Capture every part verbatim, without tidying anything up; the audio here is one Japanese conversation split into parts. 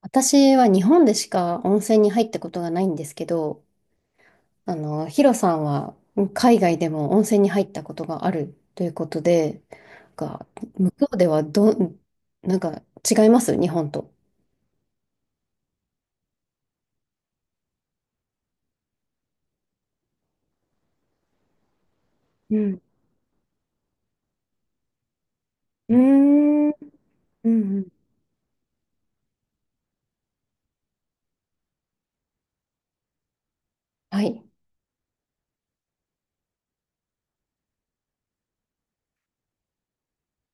私は日本でしか温泉に入ったことがないんですけど、あの、ヒロさんは海外でも温泉に入ったことがあるということで、が、向こうではどん、なんか違います日本と？うん。うーん。うんうん。はい。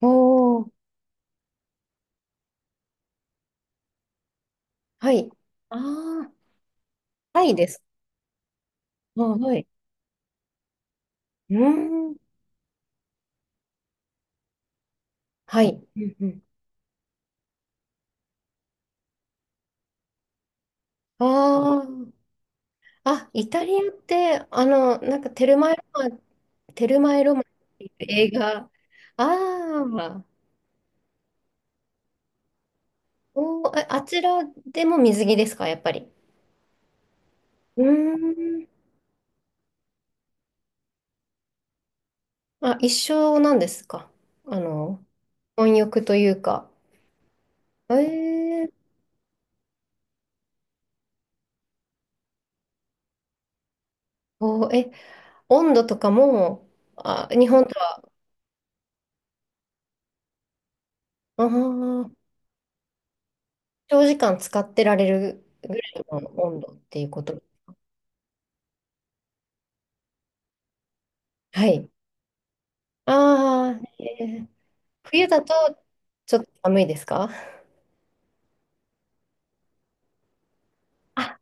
おー。はい。ああ。タイです。あはい。うーん。うんはい。うんうん。ああ。あ、イタリアって、あの、なんかテルマエロマテルマエ・ロマンっていう映画。ああ、おー、えあちらでも水着ですか、やっぱり？うーん。あ、一緒なんですか？あの、混浴というか。えー、おー、え、温度とかも、あ、日本とは、あー、長時間使ってられるぐらいの温度っていうこと？はい。ああ、えー冬だとちょっと寒いですかあ？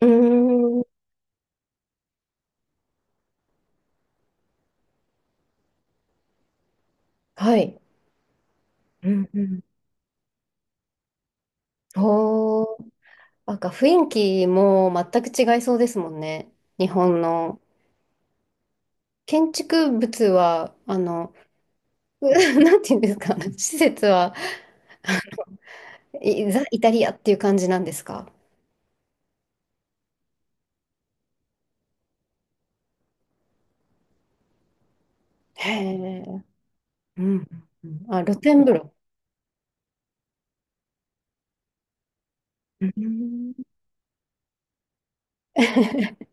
うーん。はい。うんうんおー、なんか雰囲気も全く違いそうですもんね。日本の建築物は、あの、う なんていうんですか、施設は、いザ・イタリアっていう感じなんですか？へえ、うん。うんあ、露天風呂。うん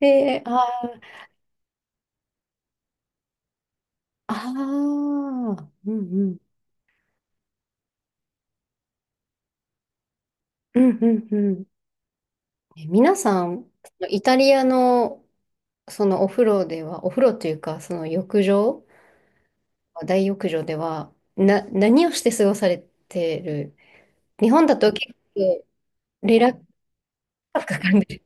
えー、あー、あー、うんあ露天風呂うん ーあーあーうんうんうん。え皆さん、イタリアのそのお風呂では、お風呂というか、その浴場大浴場では、な、何をして過ごされてる？日本だと結構、リラックスかかるんで、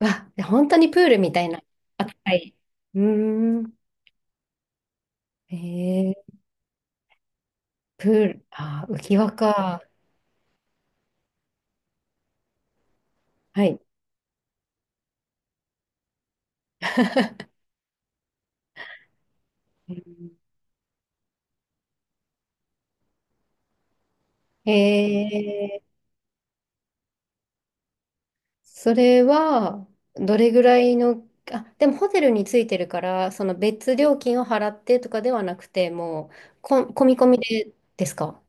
わ、本当にプールみたいな扱い。うーん。えー、プール、あー、浮き輪か。はい。うんえー、それは、どれぐらいの、あ、でもホテルについてるから、その別料金を払ってとかではなくて、もう、こ、込み込みでですか？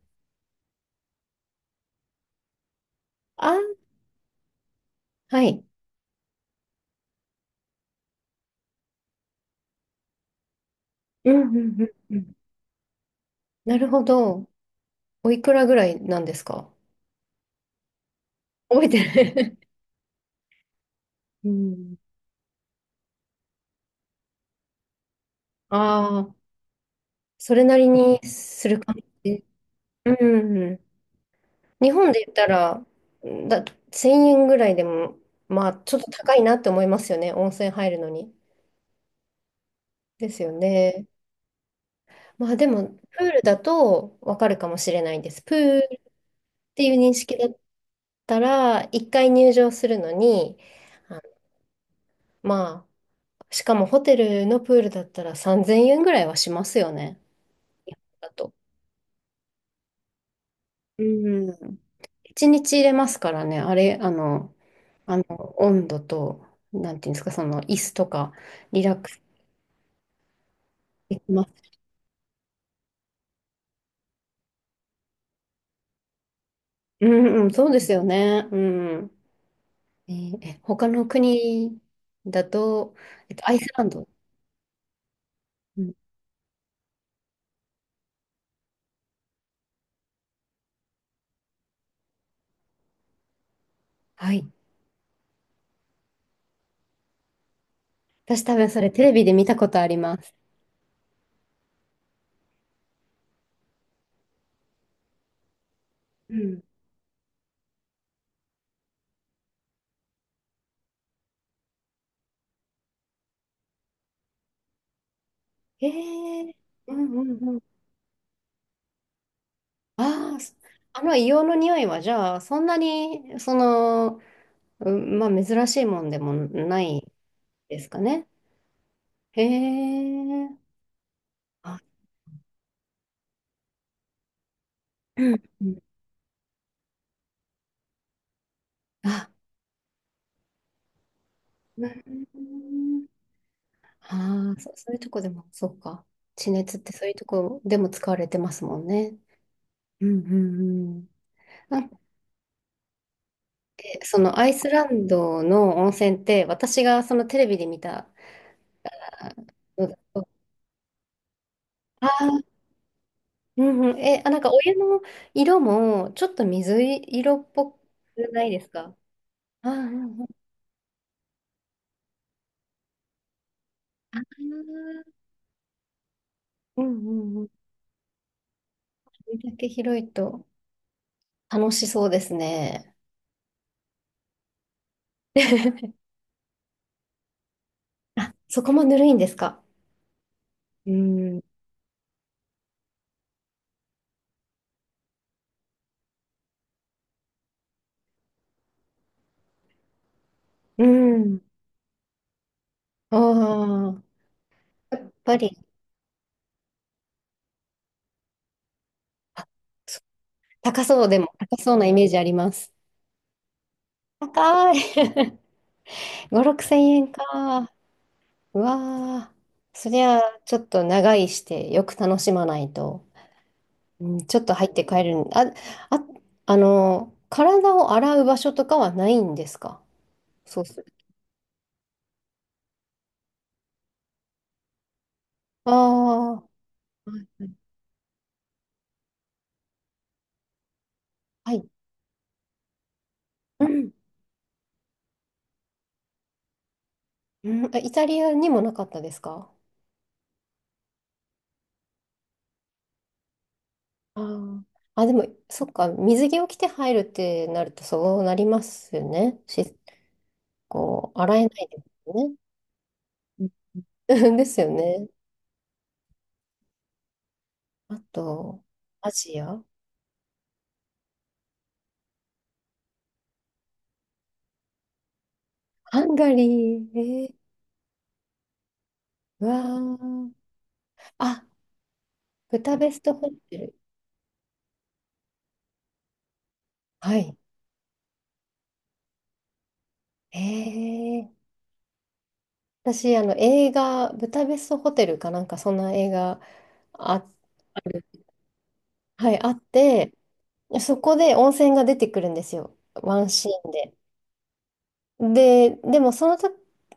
あ、はい。うんうんうんうん。なるほど。おいくらぐらいなんですか？覚えてる うん。ああ、それなりにする感じ。うん日本で言ったら、だ、せんえんぐらいでも、まあ、ちょっと高いなって思いますよね。温泉入るのに。ですよね。まあ、でも、プールだとわかるかもしれないです。プールっていう認識だったら、いっかい入場するのに、あのまあ、しかもホテルのプールだったらさんぜんえんぐらいはしますよね。だと。うん。一日入れますからね、あれ、あの、あの、温度と、なんていうんですか、その、椅子とか、リラックスできます。うんうん、そうですよね。うん。えーえ他の国だと、えっと、アイスランド。うん、はい。私多分それテレビで見たことあります。うん。えー、うんうんうん。ああ、そあの硫黄の匂いは、じゃあ、そんなに、その、うん、まあ、珍しいもんでもないですかね？へえ。あ、うんうんあ、うん。ああ、そ、そういうとこでも、そうか。地熱ってそういうとこでも使われてますもんね。うんうんうんなんで、そのアイスランドの温泉って、私がそのテレビで見たあのだと、あーうんうん、え、あ、なんかお湯の色もちょっと水色っぽくないですかあー？うんうん、うんうんうん、これだけ広いと楽しそうですね。あ、そこもぬるいんですか？うん。うん。ああ、やっぱり、あそ高そうでも、高そうなイメージあります。高い。ご、ろくせん円か。うわーそりゃ、ちょっと長居して、よく楽しまないと、うん、ちょっと入って帰るん。あ、あ、あの、体を洗う場所とかはないんですか？そうする。ああ、はい。はいうん。うん、あイタリアにもなかったですかあー？あ、でも、そっか、水着を着て入るってなるとそうなりますよね。し、こう、洗えないですよね。うん ですよね。あと、アジアハンガリー、えー、うわー。あ、ブタベストホテル。はい。えー、私、あの、映画、ブタベストホテルかなんか、そんな映画あ、あるはい、あって、そこで温泉が出てくるんですよ。ワンシーンで。で、でもそのと、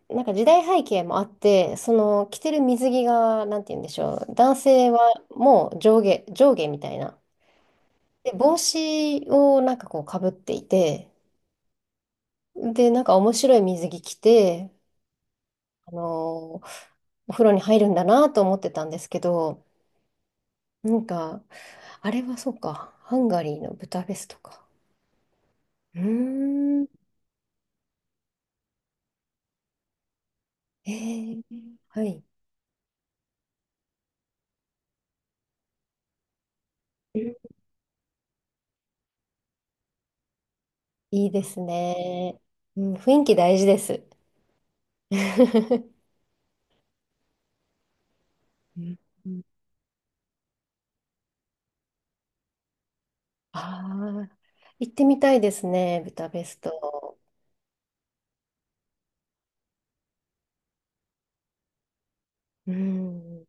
なんか時代背景もあって、その着てる水着が、なんて言うんでしょう、男性はもう上下、上下みたいな。で、帽子をなんかこうかぶっていて、で、なんか面白い水着着て、あのーお風呂に入るんだなと思ってたんですけど、なんか、あれはそうか、ハンガリーのブタフェストか。うーん、えー、はい、いいですね。うん、雰囲気大事です。うんあー行ってみたいですね、ブダペスト。うん。